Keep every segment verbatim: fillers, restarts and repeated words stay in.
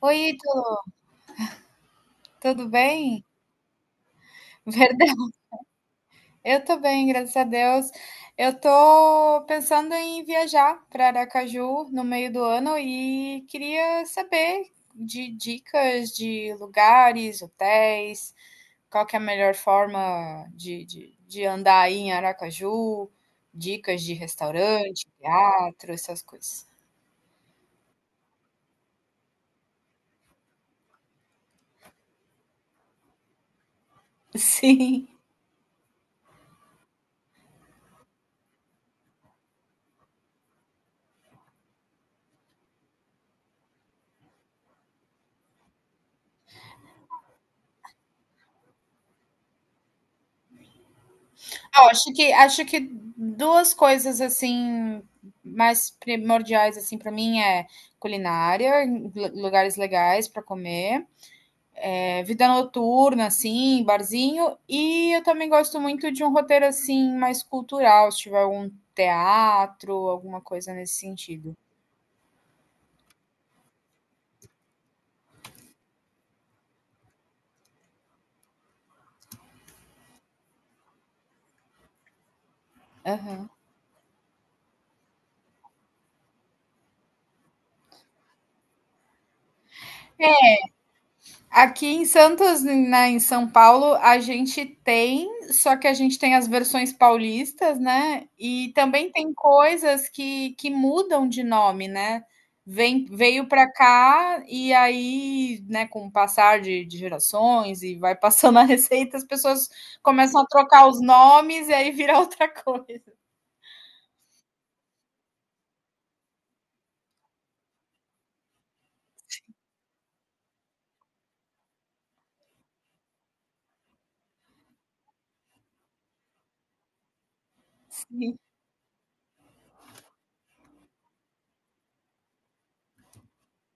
Oi, Ítalo, tudo bem? Verdade, eu tô bem, graças a Deus. Eu tô pensando em viajar para Aracaju no meio do ano e queria saber de dicas de lugares, hotéis, qual que é a melhor forma de, de, de andar aí em Aracaju, dicas de restaurante, teatro, essas coisas. Sim. Ó, acho que acho que duas coisas, assim, mais primordiais, assim, para mim é culinária, lu lugares legais para comer, eh, vida noturna, assim, barzinho, e eu também gosto muito de um roteiro, assim, mais cultural, se tiver algum teatro, alguma coisa nesse sentido. Aham. Aqui em Santos, na em São Paulo, a gente tem, só que a gente tem as versões paulistas, né? E também tem coisas que, que mudam de nome, né? Vem, veio para cá e aí, né, com o passar de, de gerações e vai passando a receita, as pessoas começam a trocar os nomes e aí vira outra coisa. Sim.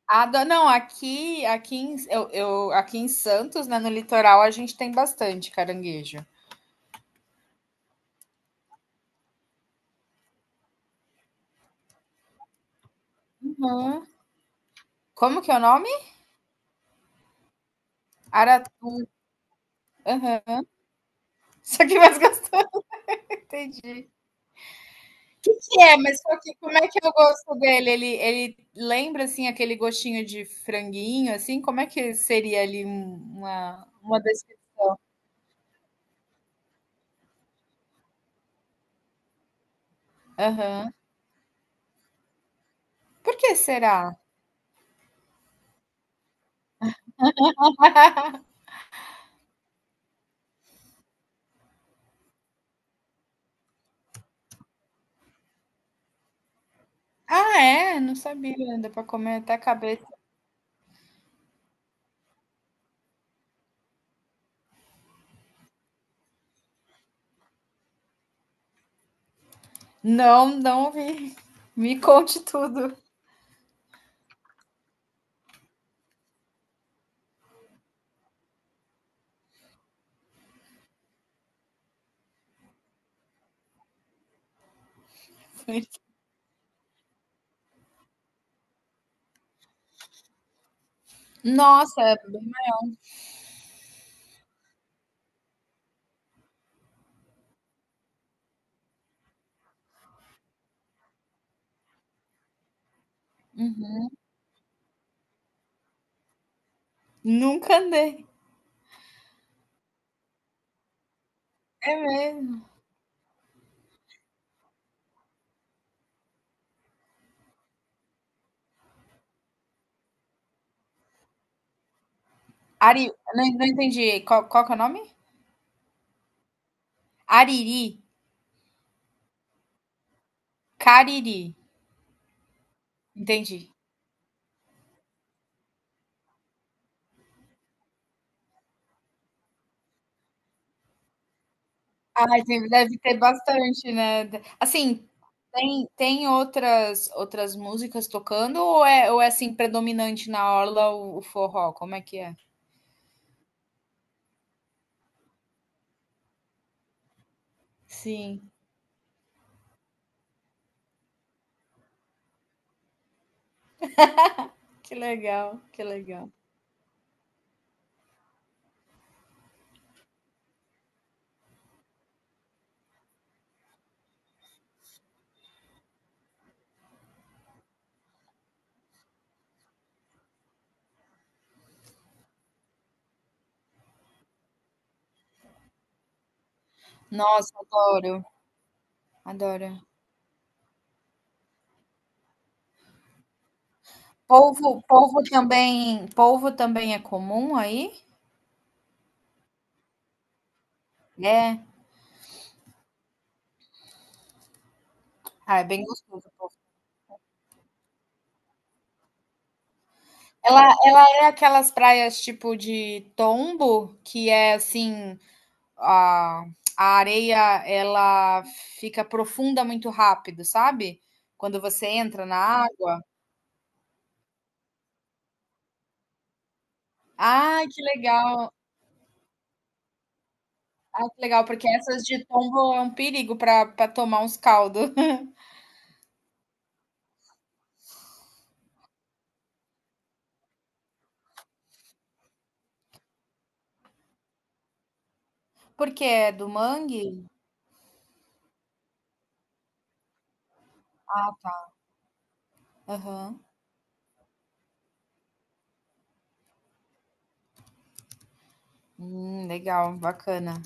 Ado- não, aqui, aqui em, eu, eu- aqui em Santos, né, no litoral, a gente tem bastante caranguejo. Uhum. Como que é o nome? Aratu. Aham. Isso aqui mais gostou, entendi. O que que é? Mas qual que- como é que é o gosto dele? Ele, ele lembra assim aquele gostinho de franguinho, assim? Como é que seria ali um- uma uma das? Aham. Por que será? Ah, é? Não sabia. Ainda para comer até a cabeça. Não, não vi. Me conte tudo. Nossa, uhum. Nunca andei. É mesmo. Ari, não, não entendi. Qual, qual que é o nome? Ariri. Cariri, entendi. Ai, tem, deve ter bastante, né. De assim, tem tem outras outras músicas tocando ou é ou é, assim, predominante na orla o o forró, como é que é? Sim, que legal, que legal. Nossa, adoro, adoro. Polvo polvo também, polvo também é comum aí? É? Ah, é bem gostoso o polvo. Ela ela é aquelas praias tipo de tombo, que é assim a, a areia ela fica profunda muito rápido, sabe? Quando você entra na água. Ai, que legal! Ai, que legal, porque essas de tombo é um perigo para para tomar uns caldos. Porque é do mangue? Ah, tá. Aham. Hum, legal, bacana.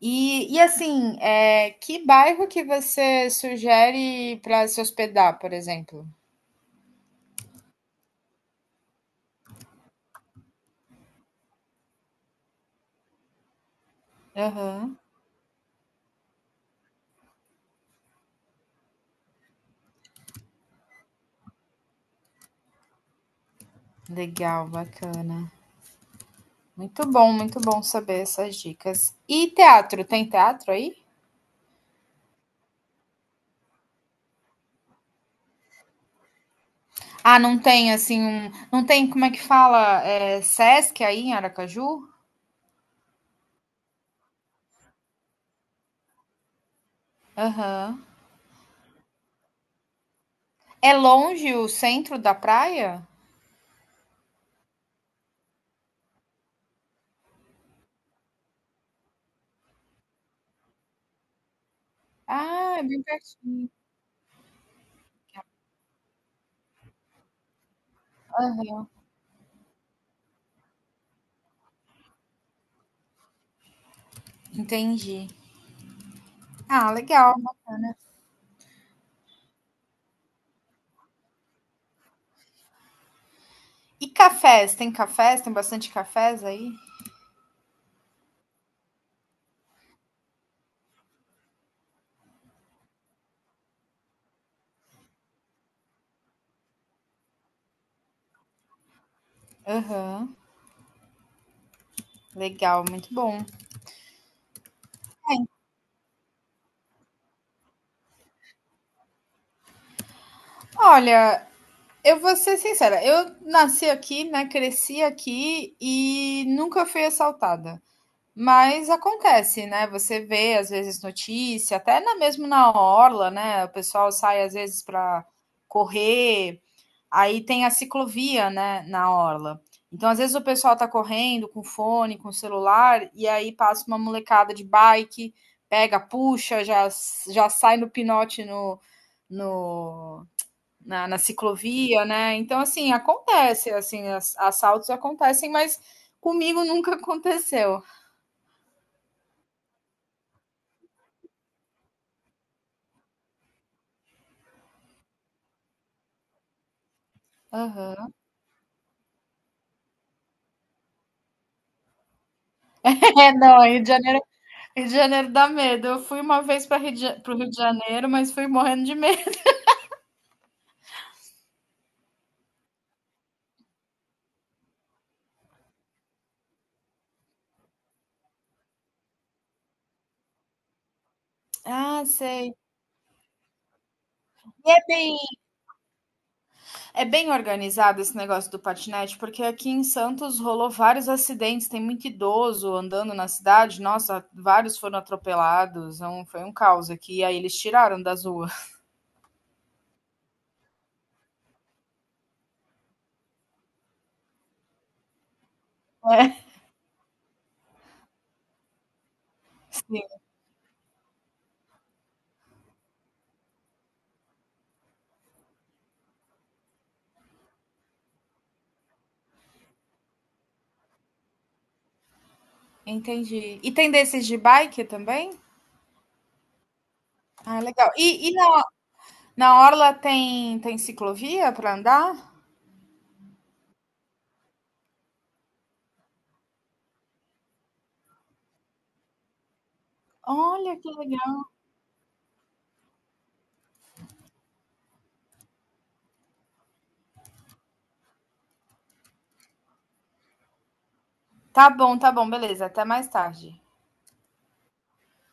E, e assim, é, que bairro que você sugere para se hospedar, por exemplo? Aham. Legal, bacana. Muito bom, muito bom saber essas dicas. E teatro, tem teatro aí? Ah, não tem assim um, não tem, como é que fala, é, Sesc aí em Aracaju? Aham. É longe o centro da praia? Ah, é bem pertinho. Aham. Entendi. Ah, legal. E cafés, tem cafés? Tem bastante cafés aí? Aham. Legal, muito bom. Olha, eu vou ser sincera, eu nasci aqui, né, cresci aqui e nunca fui assaltada. Mas acontece, né, você vê às vezes notícia, até na mesmo na orla, né, o pessoal sai às vezes para correr, aí tem a ciclovia, né, na orla. Então às vezes o pessoal tá correndo com fone, com celular, e aí passa uma molecada de bike, pega, puxa, já já sai no pinote no no na na ciclovia, né. Então assim, acontece, assim, ass assaltos acontecem, mas comigo nunca aconteceu. Aham. É, não, Rio de Janeiro Rio de Janeiro dá medo. Eu fui uma vez para Rio de Ja para o Rio de Janeiro, mas fui morrendo de medo. Ah, sei. E é bem é bem organizado esse negócio do patinete, porque aqui em Santos rolou vários acidentes, tem muito idoso andando na cidade. Nossa, vários foram atropelados, é um foi um caos aqui, aí eles tiraram das ruas. É, sim, entendi. E tem desses de bike também? Ah, legal. E e na na orla tem tem ciclovia para andar? Olha, que legal. Tá bom, tá bom, beleza. Até mais tarde.